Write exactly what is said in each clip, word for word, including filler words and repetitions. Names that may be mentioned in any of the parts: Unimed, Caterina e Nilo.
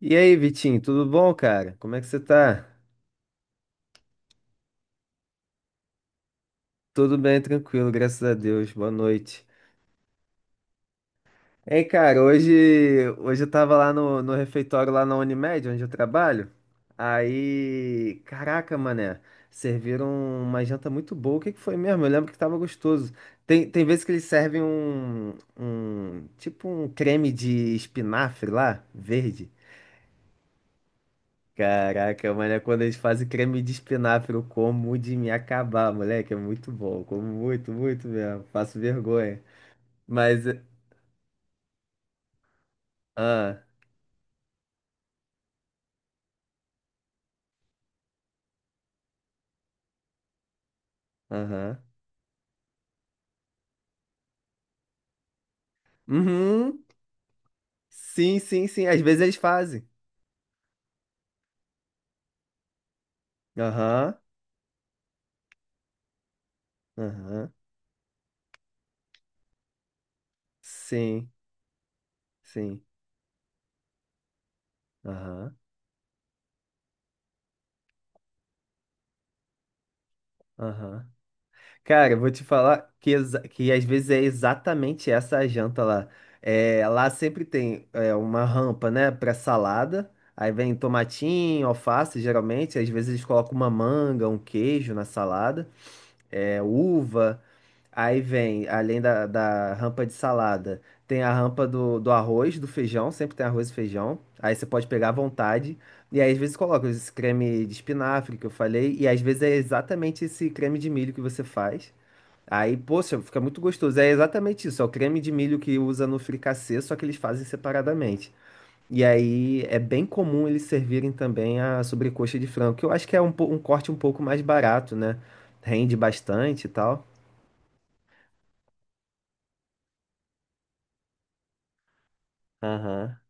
E aí, Vitinho, tudo bom, cara? Como é que você tá? Tudo bem, tranquilo, graças a Deus. Boa noite. Hein, cara, hoje, hoje eu tava lá no, no refeitório lá na Unimed, onde eu trabalho. Aí, caraca, mané, serviram uma janta muito boa. O que que foi mesmo? Eu lembro que tava gostoso. Tem, tem vezes que eles servem um, um, tipo um creme de espinafre lá, verde. Caraca, mano, é quando eles fazem creme de espinafre, eu como de me acabar, moleque, é muito bom, eu como muito, muito mesmo, faço vergonha. Mas, ah, aham, uhum, sim, sim, sim, às vezes eles fazem, aham, aham, sim, sim, aham, aham. Cara, eu vou te falar que, exa- que às vezes é exatamente essa a janta lá. É, lá sempre tem é, uma rampa, né, pra salada. Aí vem tomatinho, alface, geralmente. Às vezes eles colocam uma manga, um queijo na salada, é, uva. Aí vem, além da, da rampa de salada, tem a rampa do, do arroz, do feijão. Sempre tem arroz e feijão. Aí você pode pegar à vontade. E aí, às vezes coloca esse creme de espinafre que eu falei. E às vezes é exatamente esse creme de milho que você faz. Aí, poxa, fica muito gostoso. É exatamente isso, é o creme de milho que usa no fricassê, só que eles fazem separadamente. E aí é bem comum eles servirem também a sobrecoxa de frango, que eu acho que é um, po- um corte um pouco mais barato, né? Rende bastante e tal. Aham.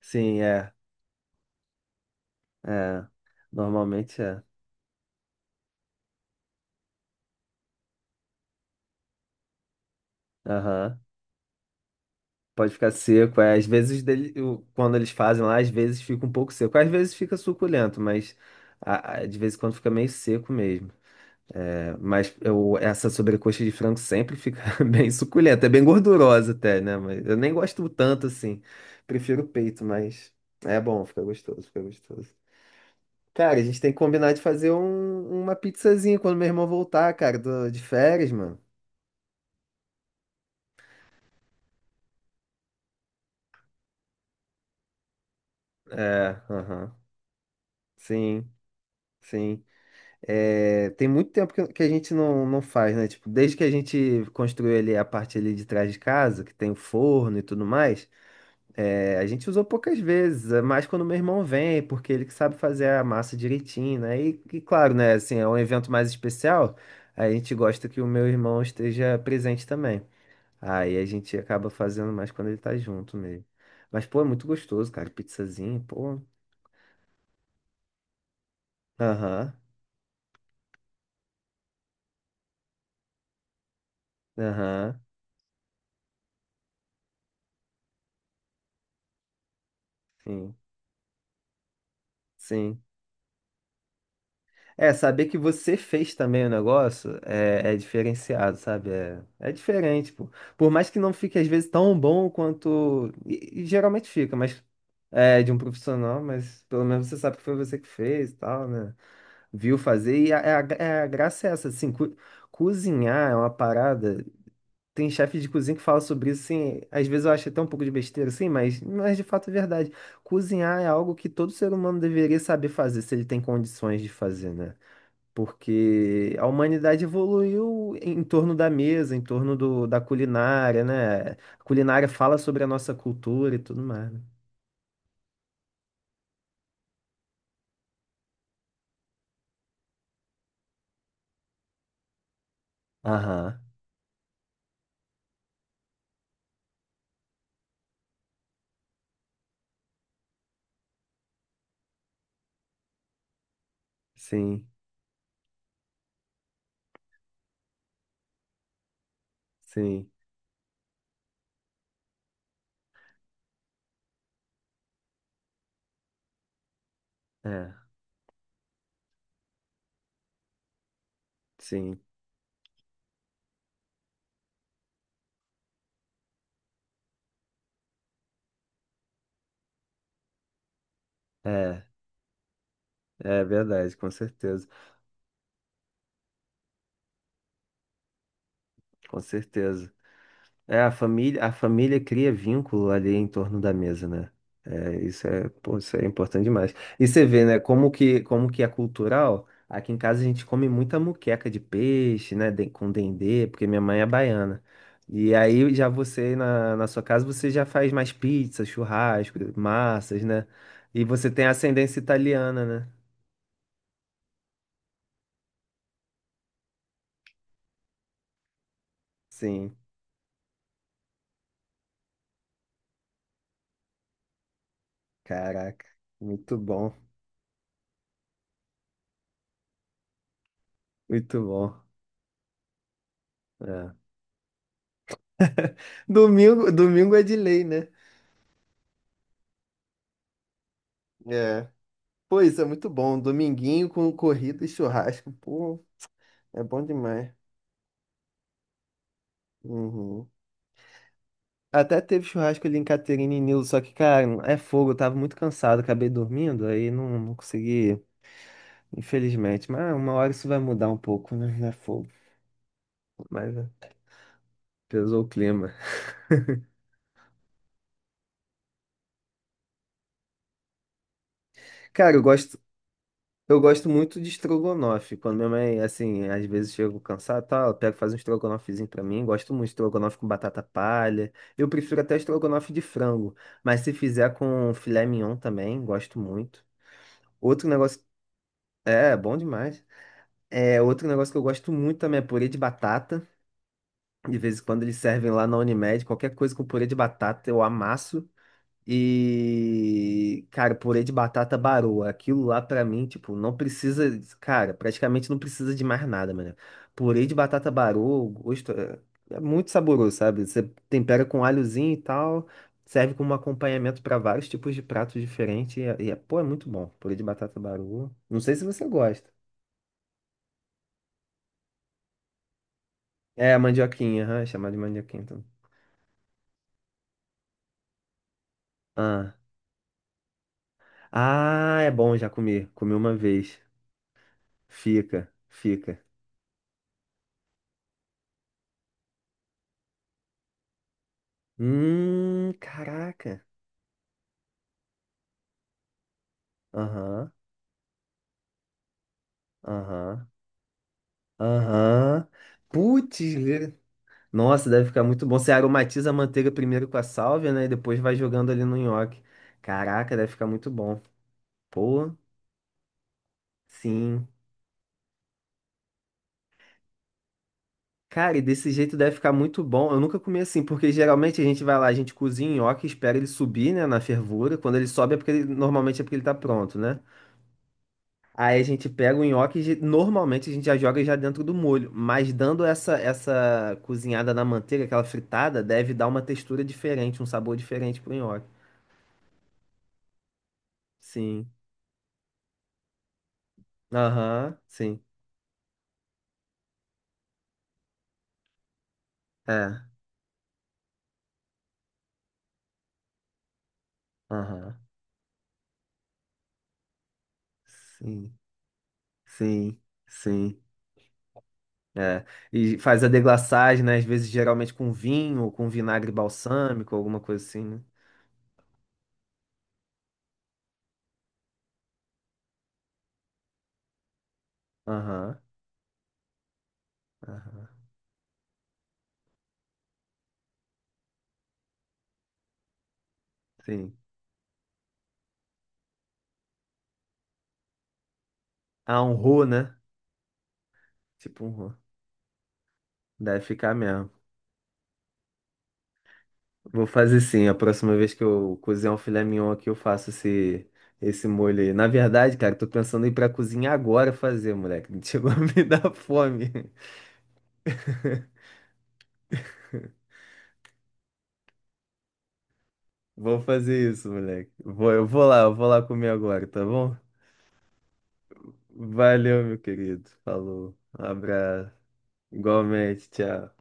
Sim, é. É. Normalmente é. Aham. Pode ficar seco. É. Às vezes, dele- o- quando eles fazem lá, às vezes fica um pouco seco. Às vezes fica suculento, mas a- a- de vez em quando fica meio seco mesmo. Mas eu, essa sobrecoxa de frango sempre fica bem suculenta. É bem gordurosa até, né? Mas eu nem gosto tanto assim. Prefiro o peito, mas é bom, fica gostoso, fica gostoso. Cara, a gente tem que combinar de fazer um- uma pizzazinha quando meu irmão voltar, cara, do- de férias, mano. É, aham. Sim, sim. É, tem muito tempo que, que a gente não, não faz, né? Tipo, desde que a gente construiu ali a parte ali de trás de casa, que tem o forno e tudo mais. É, a gente usou poucas vezes, é mais quando meu irmão vem, porque ele que sabe fazer a massa direitinho, né? E, e claro, né? Assim, é um evento mais especial, a gente gosta que o meu irmão esteja presente também. Aí a gente acaba fazendo mais quando ele tá junto mesmo. Mas, pô, é muito gostoso, cara. Pizzazinho, pô. Aham, aham, sim, sim. É, saber que você fez também o negócio é, é diferenciado, sabe? É, é diferente, pô. Por mais que não fique, às vezes, tão bom quanto. E, e geralmente fica, mas é de um profissional, mas pelo menos você sabe que foi você que fez e tal, né? Viu fazer. E a, é a, é a graça é essa, assim, co- cozinhar é uma parada. Tem chefe de cozinha que fala sobre isso, assim. Às vezes eu acho até um pouco de besteira, assim, mas, mas de fato é verdade. Cozinhar é algo que todo ser humano deveria saber fazer, se ele tem condições de fazer, né? Porque a humanidade evoluiu em torno da mesa, em torno do, da culinária, né? A culinária fala sobre a nossa cultura e tudo mais, né? Aham, sim, sim, é, sim, é, é verdade, com certeza, com certeza. É, a família, a família cria vínculo ali em torno da mesa, né? É, isso é, pô, isso é importante demais. E você vê, né, como que, como que é cultural. Aqui em casa a gente come muita moqueca de peixe, né, de- com dendê, porque minha mãe é baiana. E aí já você, na, na sua casa, você já faz mais pizza, churrasco, massas, né? E você tem ascendência italiana, né? Sim, caraca, muito bom, muito bom. É. Domingo, domingo é de lei, né? É. Pois é, muito bom. Dominguinho com corrida e churrasco. Pô, é bom demais. Uhum. Até teve churrasco ali em Caterina e Nilo, só que, cara, é fogo. Eu tava muito cansado, acabei dormindo, aí não, não consegui, infelizmente. Mas uma hora isso vai mudar um pouco, né? É fogo. Mas é, pesou o clima. Cara, eu gosto. Eu gosto muito de estrogonofe. Quando minha mãe, assim, às vezes chego cansado, tal, ela pega faz um estrogonofezinho pra mim. Gosto muito de estrogonofe com batata palha. Eu prefiro até estrogonofe de frango, mas se fizer com filé mignon também, gosto muito. Outro negócio, é, bom demais. É, outro negócio que eu gosto muito também é purê de batata. De vez em quando eles servem lá na Unimed, qualquer coisa com purê de batata eu amasso. E, cara, purê de batata baroa. Aquilo lá pra mim, tipo, não precisa. Cara, praticamente não precisa de mais nada, mano. Purê de batata baroa, o gosto é, é muito saboroso, sabe? Você tempera com alhozinho e tal, serve como acompanhamento pra vários tipos de pratos diferentes. E, é, e é- pô, é muito bom. Purê de batata baroa. Não sei se você gosta. É, mandioquinha, aham, é chamada de mandioquinha também. Ah. Ah, é bom, já comi. Comi uma vez. Fica, fica. Hum, caraca. Aham, aham, aham. Putz, grila. Nossa, deve ficar muito bom. Você aromatiza a manteiga primeiro com a sálvia, né? E depois vai jogando ali no nhoque. Caraca, deve ficar muito bom. Pô, sim. Cara, e desse jeito deve ficar muito bom. Eu nunca comi assim, porque geralmente a gente vai lá, a gente cozinha o nhoque, espera ele subir, né, na fervura. Quando ele sobe é porque ele, normalmente é porque ele tá pronto, né? Aí a gente pega o nhoque, e ge- normalmente a gente já joga já dentro do molho, mas dando essa essa cozinhada na manteiga, aquela fritada, deve dar uma textura diferente, um sabor diferente pro nhoque. Sim. Aham, sim. É. Aham. Sim. Sim. Sim. É. E faz a deglaçagem, né? Às vezes geralmente com vinho ou com vinagre balsâmico, alguma coisa assim, né? Aham. Aham. Sim. Ah, um roux, né? Tipo um roux. Deve ficar mesmo. Vou fazer sim. A próxima vez que eu cozinhar um filé mignon aqui, eu faço esse, esse molho aí. Na verdade, cara, tô pensando em ir pra cozinha agora fazer, moleque. Chegou a me dar fome. Vou fazer isso, moleque. Vou, eu vou lá, eu vou lá comer agora, tá bom? Valeu, meu querido. Falou. Um abraço. Igualmente, tchau.